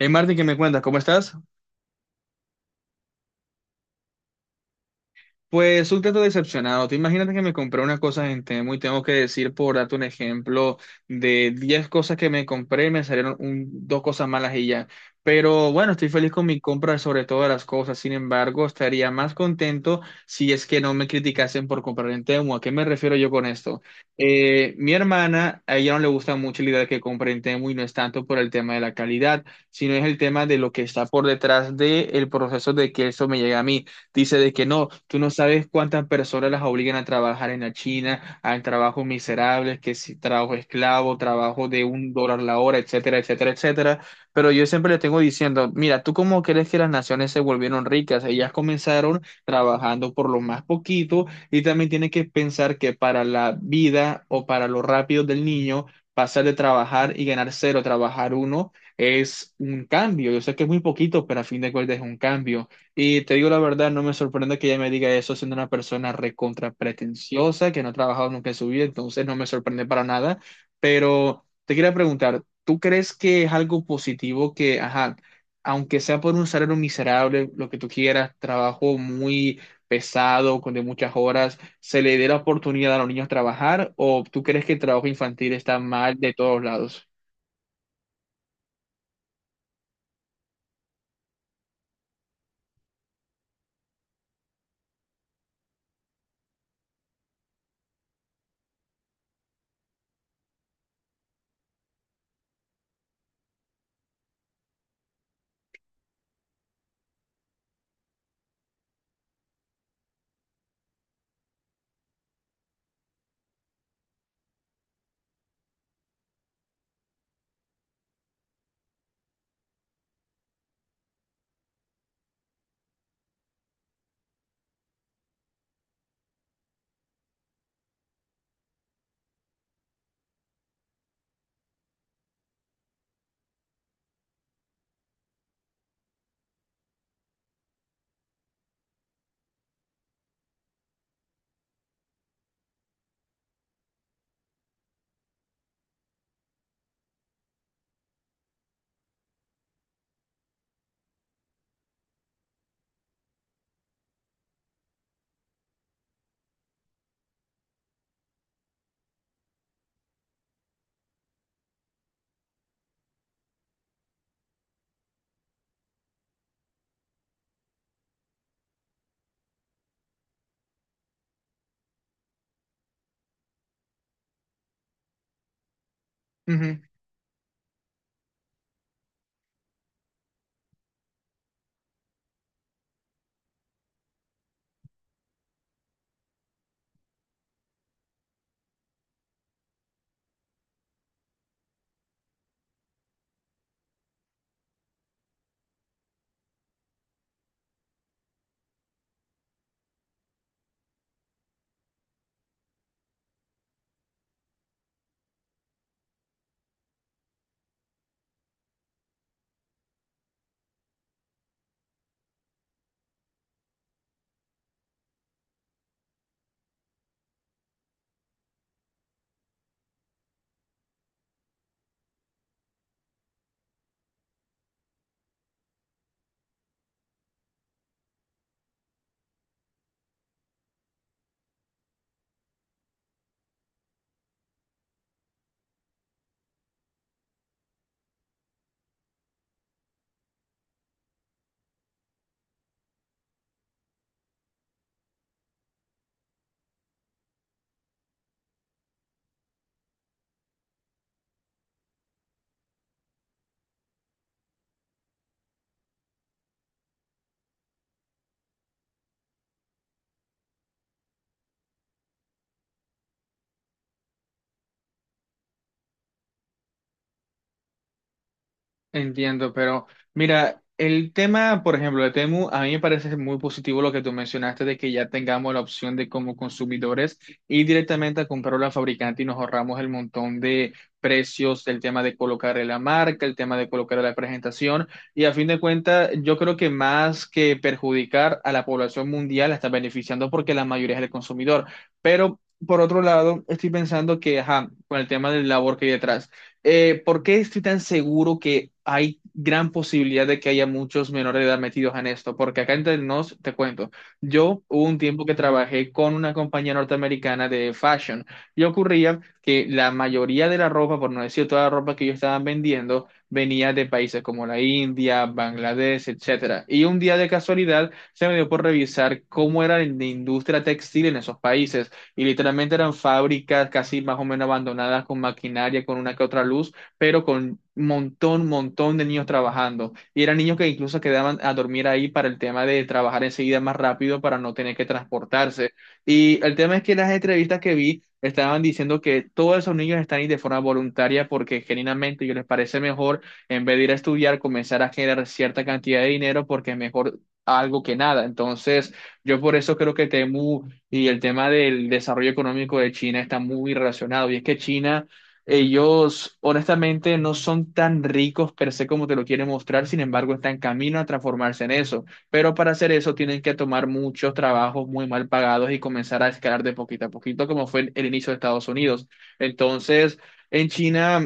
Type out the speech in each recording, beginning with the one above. Hey Martín, ¿qué me cuentas? ¿Cómo estás? Pues un tanto decepcionado. Tú imagínate que me compré unas cosas en Temu y tengo que decir, por darte un ejemplo, de 10 cosas que me compré, me salieron dos cosas malas y ya. Pero bueno, estoy feliz con mi compra sobre todas las cosas. Sin embargo, estaría más contento si es que no me criticasen por comprar en Temu. ¿A qué me refiero yo con esto? Mi hermana, a ella no le gusta mucho la idea de que compre en Temu y no es tanto por el tema de la calidad, sino es el tema de lo que está por detrás del proceso de que eso me llegue a mí. Dice de que no, tú no sabes cuántas personas las obligan a trabajar en la China, a trabajos miserables, que si trabajo esclavo, trabajo de $1 la hora, etcétera, etcétera, etcétera. Pero yo siempre le tengo diciendo, mira, ¿tú cómo crees que las naciones se volvieron ricas? Ellas comenzaron trabajando por lo más poquito y también tienes que pensar que para la vida o para lo rápido del niño, pasar de trabajar y ganar cero, a trabajar uno es un cambio. Yo sé que es muy poquito, pero a fin de cuentas es un cambio. Y te digo la verdad, no me sorprende que ella me diga eso siendo una persona recontra pretenciosa, que no ha trabajado nunca en su vida, entonces no me sorprende para nada. Pero te quería preguntar, ¿tú crees que es algo positivo que, ajá, aunque sea por un salario miserable, lo que tú quieras, trabajo muy pesado, con de muchas horas, se le dé la oportunidad a los niños a trabajar? ¿O tú crees que el trabajo infantil está mal de todos lados? Entiendo, pero mira, el tema, por ejemplo, de Temu, a mí me parece muy positivo lo que tú mencionaste de que ya tengamos la opción de como consumidores ir directamente a comprarlo al fabricante y nos ahorramos el montón de precios, el tema de colocar la marca, el tema de colocar la presentación, y a fin de cuentas yo creo que más que perjudicar a la población mundial la está beneficiando porque la mayoría es el consumidor, pero por otro lado estoy pensando que ajá, con el tema del labor que hay detrás, ¿por qué estoy tan seguro que hay gran posibilidad de que haya muchos menores de edad metidos en esto? Porque acá entre nos, te cuento, yo hubo un tiempo que trabajé con una compañía norteamericana de fashion y ocurría que la mayoría de la ropa, por no decir toda la ropa que ellos estaban vendiendo, venía de países como la India, Bangladesh, etcétera. Y un día de casualidad se me dio por revisar cómo era la industria textil en esos países y literalmente eran fábricas casi más o menos abandonadas con maquinaria, con una que otra luz, pero con montón, montón de niños trabajando. Y eran niños que incluso quedaban a dormir ahí para el tema de trabajar enseguida más rápido para no tener que transportarse. Y el tema es que las entrevistas que vi estaban diciendo que todos esos niños están ahí de forma voluntaria porque genuinamente ellos les parece mejor, en vez de ir a estudiar, comenzar a generar cierta cantidad de dinero porque es mejor algo que nada. Entonces, yo por eso creo que Temu y el tema del desarrollo económico de China está muy relacionado. Y es que China, ellos honestamente no son tan ricos per se como te lo quieren mostrar, sin embargo, están en camino a transformarse en eso. Pero para hacer eso tienen que tomar muchos trabajos muy mal pagados y comenzar a escalar de poquito a poquito, como fue el inicio de Estados Unidos. Entonces, en China...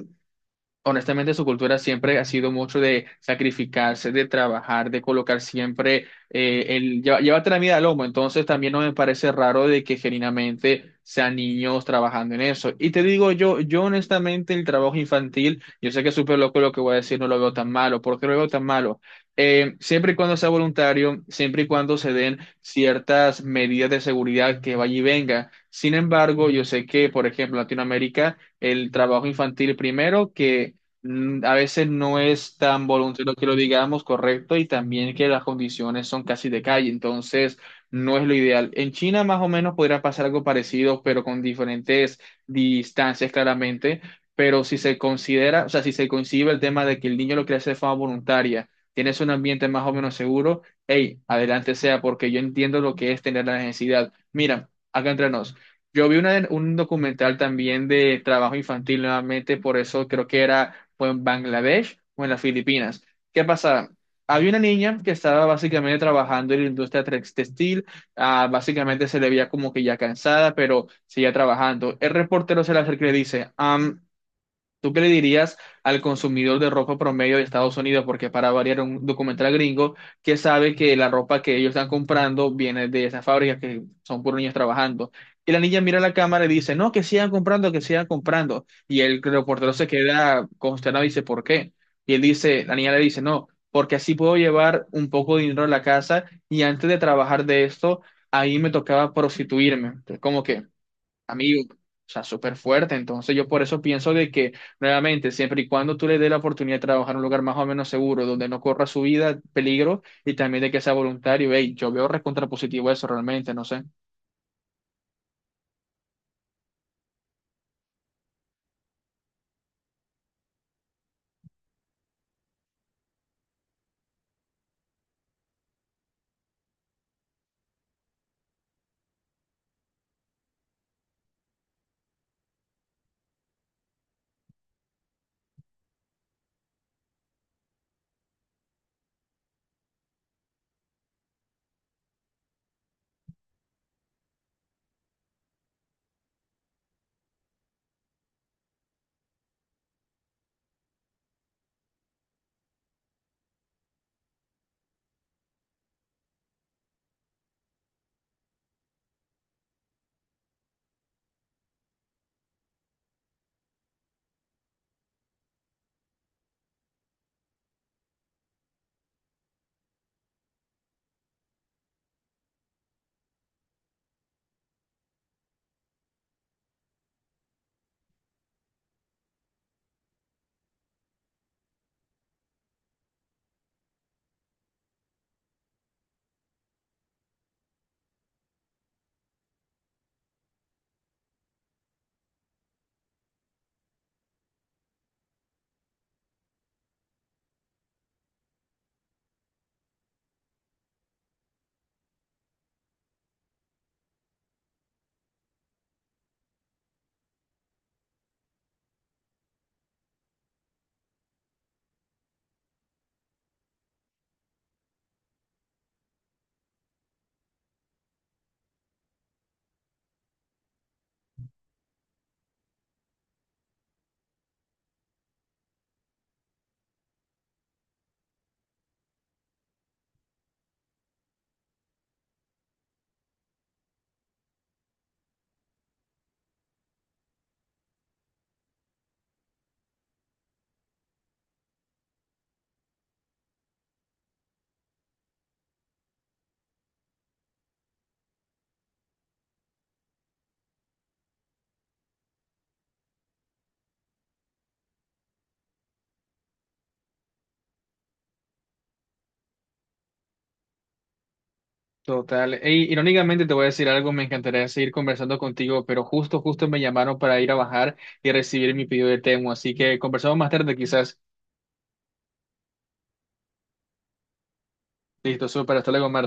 Honestamente, su cultura siempre ha sido mucho de sacrificarse, de trabajar, de colocar siempre llévate la vida al lomo. Entonces, también no me parece raro de que genuinamente sean niños trabajando en eso. Y te digo yo, yo honestamente, el trabajo infantil, yo sé que es súper loco lo que voy a decir, no lo veo tan malo. ¿Por qué lo veo tan malo? Siempre y cuando sea voluntario, siempre y cuando se den ciertas medidas de seguridad que vaya y venga. Sin embargo, yo sé que, por ejemplo, en Latinoamérica el trabajo infantil primero, que a veces no es tan voluntario que lo digamos, correcto, y también que las condiciones son casi de calle, entonces no es lo ideal. En China más o menos podría pasar algo parecido, pero con diferentes distancias claramente, pero si se considera, o sea, si se concibe el tema de que el niño lo quiere hacer de forma voluntaria, tienes un ambiente más o menos seguro, hey, adelante sea, porque yo entiendo lo que es tener la necesidad. Mira, acá entre nos. Yo vi un documental también de trabajo infantil nuevamente, por eso creo que era o en Bangladesh o en las Filipinas. ¿Qué pasaba? Había una niña que estaba básicamente trabajando en la industria textil, ah, básicamente se le veía como que ya cansada, pero seguía trabajando. El reportero se le acerca y le dice, ¿Tú qué le dirías al consumidor de ropa promedio de Estados Unidos? Porque para variar un documental gringo que sabe que la ropa que ellos están comprando viene de esas fábricas que son puros niños trabajando." Y la niña mira la cámara y dice, no, que sigan comprando, que sigan comprando. Y el reportero se queda consternado y dice, ¿por qué? Y él dice, la niña le dice, no, porque así puedo llevar un poco de dinero a la casa y antes de trabajar de esto, ahí me tocaba prostituirme. Entonces, ¿cómo que? Amigo, o sea, súper fuerte. Entonces yo por eso pienso de que, nuevamente, siempre y cuando tú le des la oportunidad de trabajar en un lugar más o menos seguro, donde no corra su vida peligro y también de que sea voluntario, hey, yo veo recontrapositivo eso realmente, no sé. Total. Ey, irónicamente te voy a decir algo, me encantaría seguir conversando contigo, pero justo, justo me llamaron para ir a bajar y recibir mi pedido de Temu, así que conversamos más tarde quizás. Listo, súper, hasta luego, Marta.